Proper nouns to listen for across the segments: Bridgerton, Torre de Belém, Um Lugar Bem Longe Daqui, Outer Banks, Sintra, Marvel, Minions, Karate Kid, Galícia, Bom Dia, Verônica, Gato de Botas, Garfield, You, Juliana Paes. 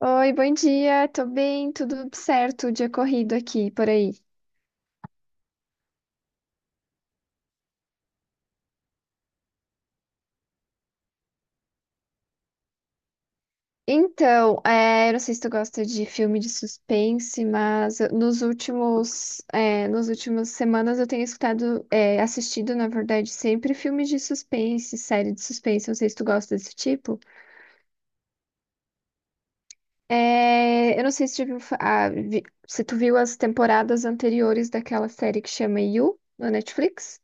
Oi, bom dia. Tô bem, tudo certo, dia corrido aqui, por aí. Então, eu não sei se tu gosta de filme de suspense, nos últimas semanas eu tenho assistido, na verdade, sempre filmes de suspense, série de suspense. Não sei se tu gosta desse tipo. Eu não sei se tu viu, fa- ah, vi- se tu viu as temporadas anteriores daquela série que chama You, no Netflix.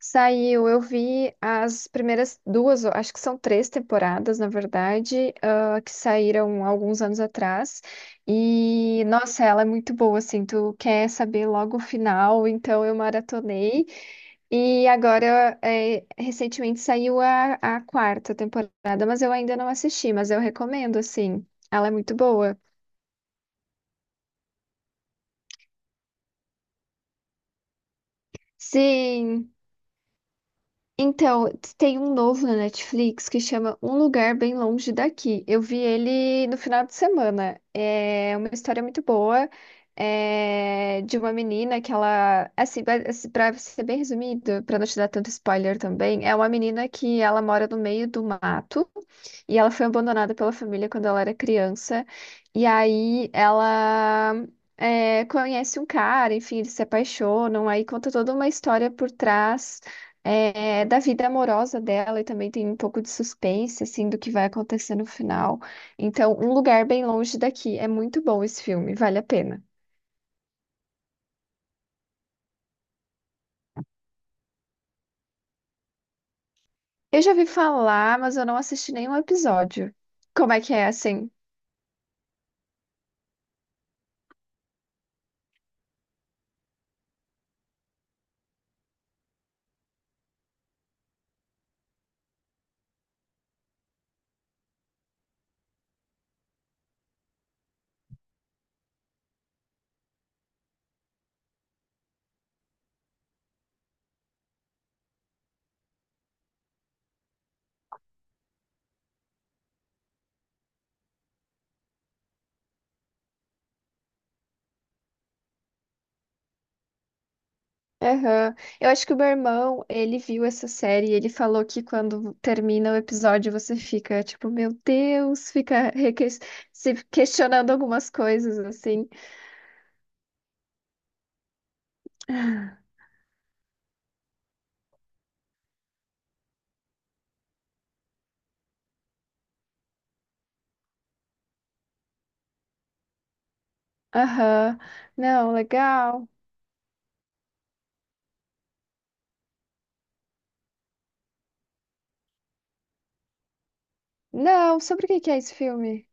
Saiu, eu vi as primeiras duas, eu acho que são três temporadas, na verdade, que saíram alguns anos atrás. E, nossa, ela é muito boa, assim, tu quer saber logo o final, então eu maratonei. E agora, recentemente saiu a quarta temporada, mas eu ainda não assisti, mas eu recomendo, assim, ela é muito boa. Sim. Então, tem um novo na Netflix que chama Um Lugar Bem Longe Daqui. Eu vi ele no final de semana. É uma história muito boa, de uma menina que ela, assim, pra ser bem resumido, pra não te dar tanto spoiler também, é uma menina que ela mora no meio do mato e ela foi abandonada pela família quando ela era criança. E aí ela conhece um cara, enfim, eles se apaixonam, aí conta toda uma história por trás da vida amorosa dela e também tem um pouco de suspense, assim, do que vai acontecer no final. Então, Um Lugar Bem Longe Daqui. É muito bom esse filme, vale a pena. Eu já vi falar, mas eu não assisti nenhum episódio. Como é que é, assim? Aham. Eu acho que o meu irmão, ele viu essa série e ele falou que quando termina o episódio você fica tipo, meu Deus, fica se questionando algumas coisas, assim. Aham. Não, legal. Não, sobre o que que é esse filme?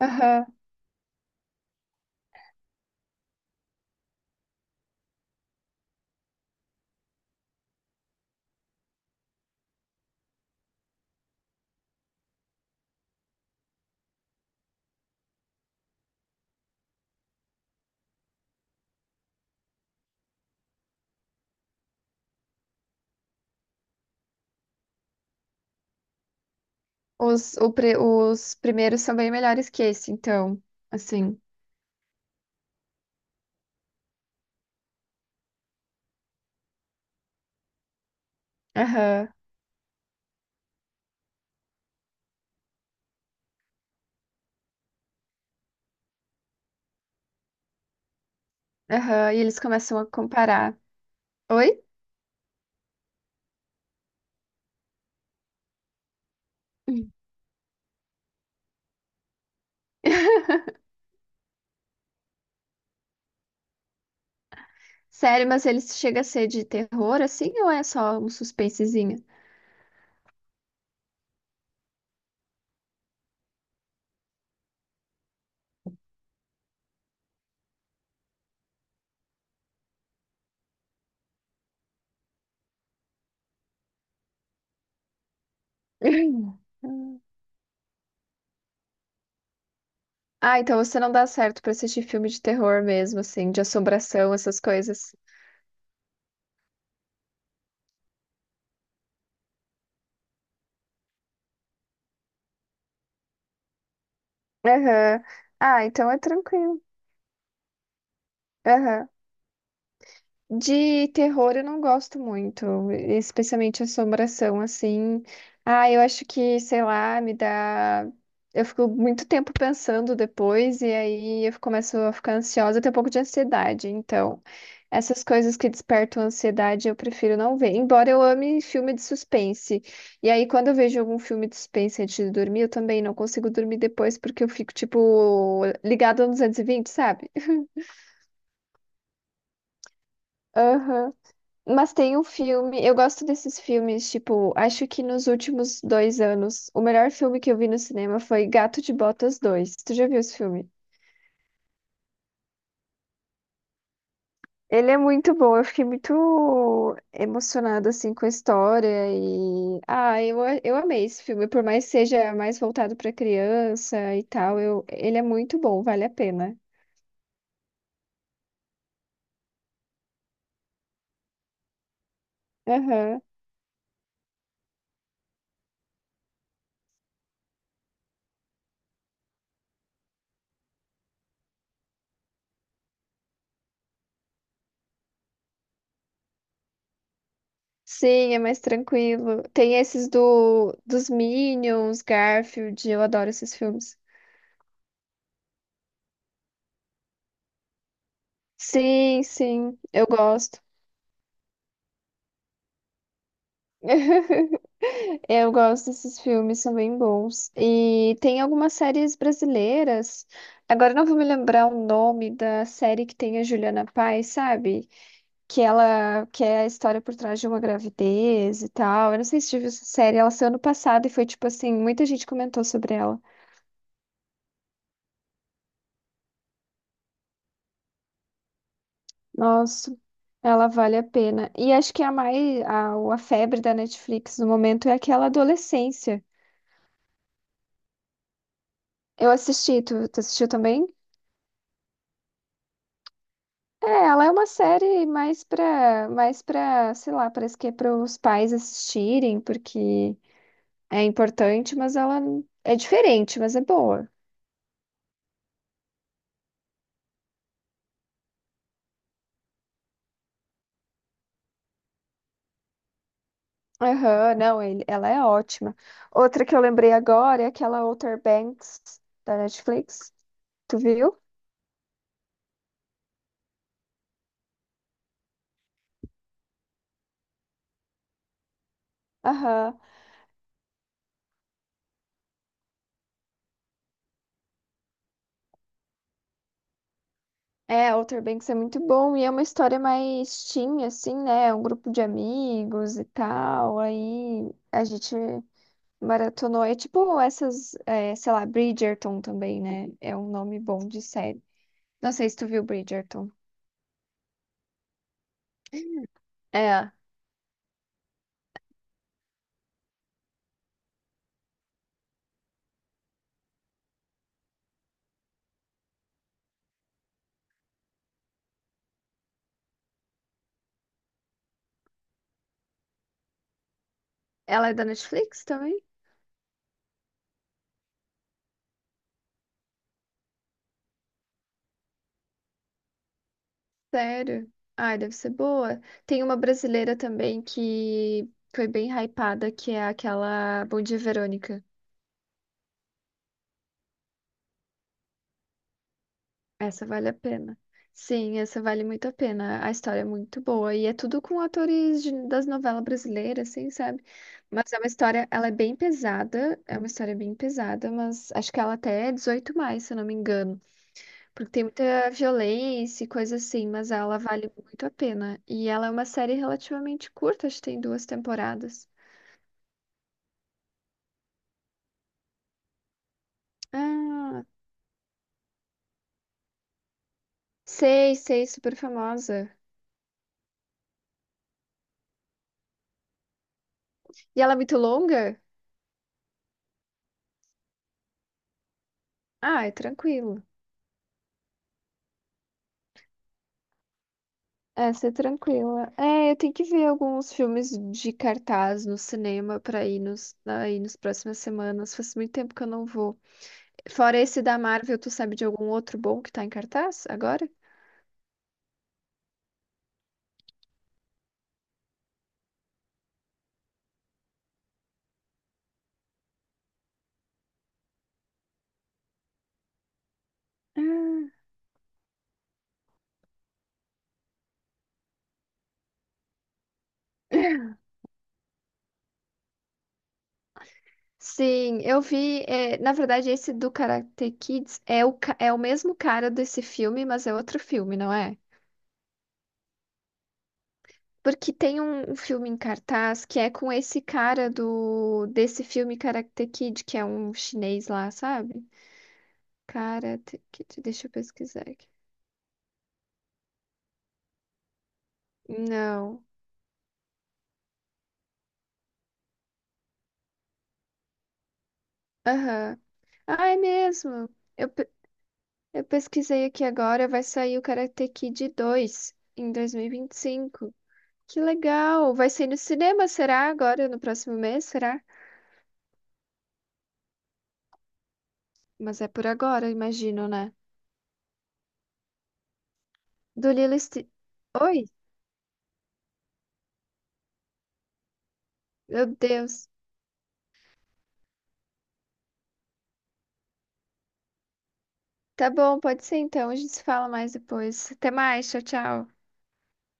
Aham. Os primeiros são bem melhores que esse, então. Assim. Aham. Aham. E eles começam a comparar. Oi? Sério, mas ele chega a ser de terror, assim, ou é só um suspensezinho? Ah, então você não dá certo pra assistir filme de terror mesmo, assim, de assombração, essas coisas. Aham. Ah, então é tranquilo. Aham. De terror eu não gosto muito, especialmente assombração, assim. Ah, eu acho que, sei lá, me dá. Eu fico muito tempo pensando depois, e aí eu começo a ficar ansiosa, até um pouco de ansiedade. Então, essas coisas que despertam ansiedade eu prefiro não ver, embora eu ame filme de suspense. E aí, quando eu vejo algum filme de suspense antes de dormir, eu também não consigo dormir depois, porque eu fico, tipo, ligada no 220, sabe? Aham. Mas tem um filme, eu gosto desses filmes, tipo, acho que nos últimos 2 anos, o melhor filme que eu vi no cinema foi Gato de Botas 2. Tu já viu esse filme? Ele é muito bom, eu fiquei muito emocionada, assim, com a história. Ah, eu amei esse filme, por mais que seja mais voltado pra criança e tal, ele é muito bom, vale a pena. Aham. Sim, é mais tranquilo. Tem esses do dos Minions, Garfield, eu adoro esses filmes. Sim, sim, eu gosto. Eu gosto desses filmes, são bem bons. E tem algumas séries brasileiras. Agora eu não vou me lembrar o nome da série que tem a Juliana Paes, sabe? Que ela que é a história por trás de uma gravidez e tal. Eu não sei se tive essa série, ela saiu ano passado e foi tipo assim, muita gente comentou sobre ela. Nossa, ela vale a pena. E acho que a febre da Netflix no momento é aquela adolescência. Eu assisti, tu assistiu também? É, ela é uma série mais pra, sei lá, parece que é para os pais assistirem, porque é importante, mas ela é diferente, mas é boa. Aham, não, ela é ótima. Outra que eu lembrei agora é aquela Outer Banks da Netflix. Tu viu? Aham. É, Outer Banks é muito bom e é uma história mais teen, assim, né? É um grupo de amigos e tal. Aí a gente maratonou. É tipo essas, sei lá, Bridgerton também, né? É um nome bom de série. Não sei se tu viu Bridgerton. É, ela é da Netflix também? Sério? Ai, deve ser boa. Tem uma brasileira também que foi bem hypada, que é aquela Bom Dia, Verônica. Essa vale a pena. Sim, essa vale muito a pena. A história é muito boa e é tudo com atores das novelas brasileiras, assim, sabe? Mas é uma história, ela é bem pesada, é uma história bem pesada, mas acho que ela até é 18 mais, se eu não me engano, porque tem muita violência e coisa assim, mas ela vale muito a pena. E ela é uma série relativamente curta, acho que tem duas temporadas. Ah, sei, sei, super famosa. E ela é muito longa? Ah, é tranquilo. É, ser tranquila. É, eu tenho que ver alguns filmes de cartaz no cinema pra ir aí nas próximas semanas. Faz muito tempo que eu não vou. Fora esse da Marvel, tu sabe de algum outro bom que tá em cartaz agora? Ah. Sim, eu vi. Na verdade, esse do Karate Kids é o mesmo cara desse filme, mas é outro filme, não é? Porque tem um filme em cartaz que é com esse cara do desse filme Karate Kid, que é um chinês lá, sabe? Karate Kid, deixa eu pesquisar aqui. Não. Aham. Ah, é mesmo. Eu, pe- eu pesquisei aqui agora, vai sair o Karate Kid 2 em dois mil e vinte e cinco. Que legal! Vai sair no cinema, será? Agora, no próximo mês, será? Mas é por agora, imagino, né? Do Lilo Ste... Oi? Meu Deus. Tá bom, pode ser então. A gente se fala mais depois. Até mais, tchau, tchau.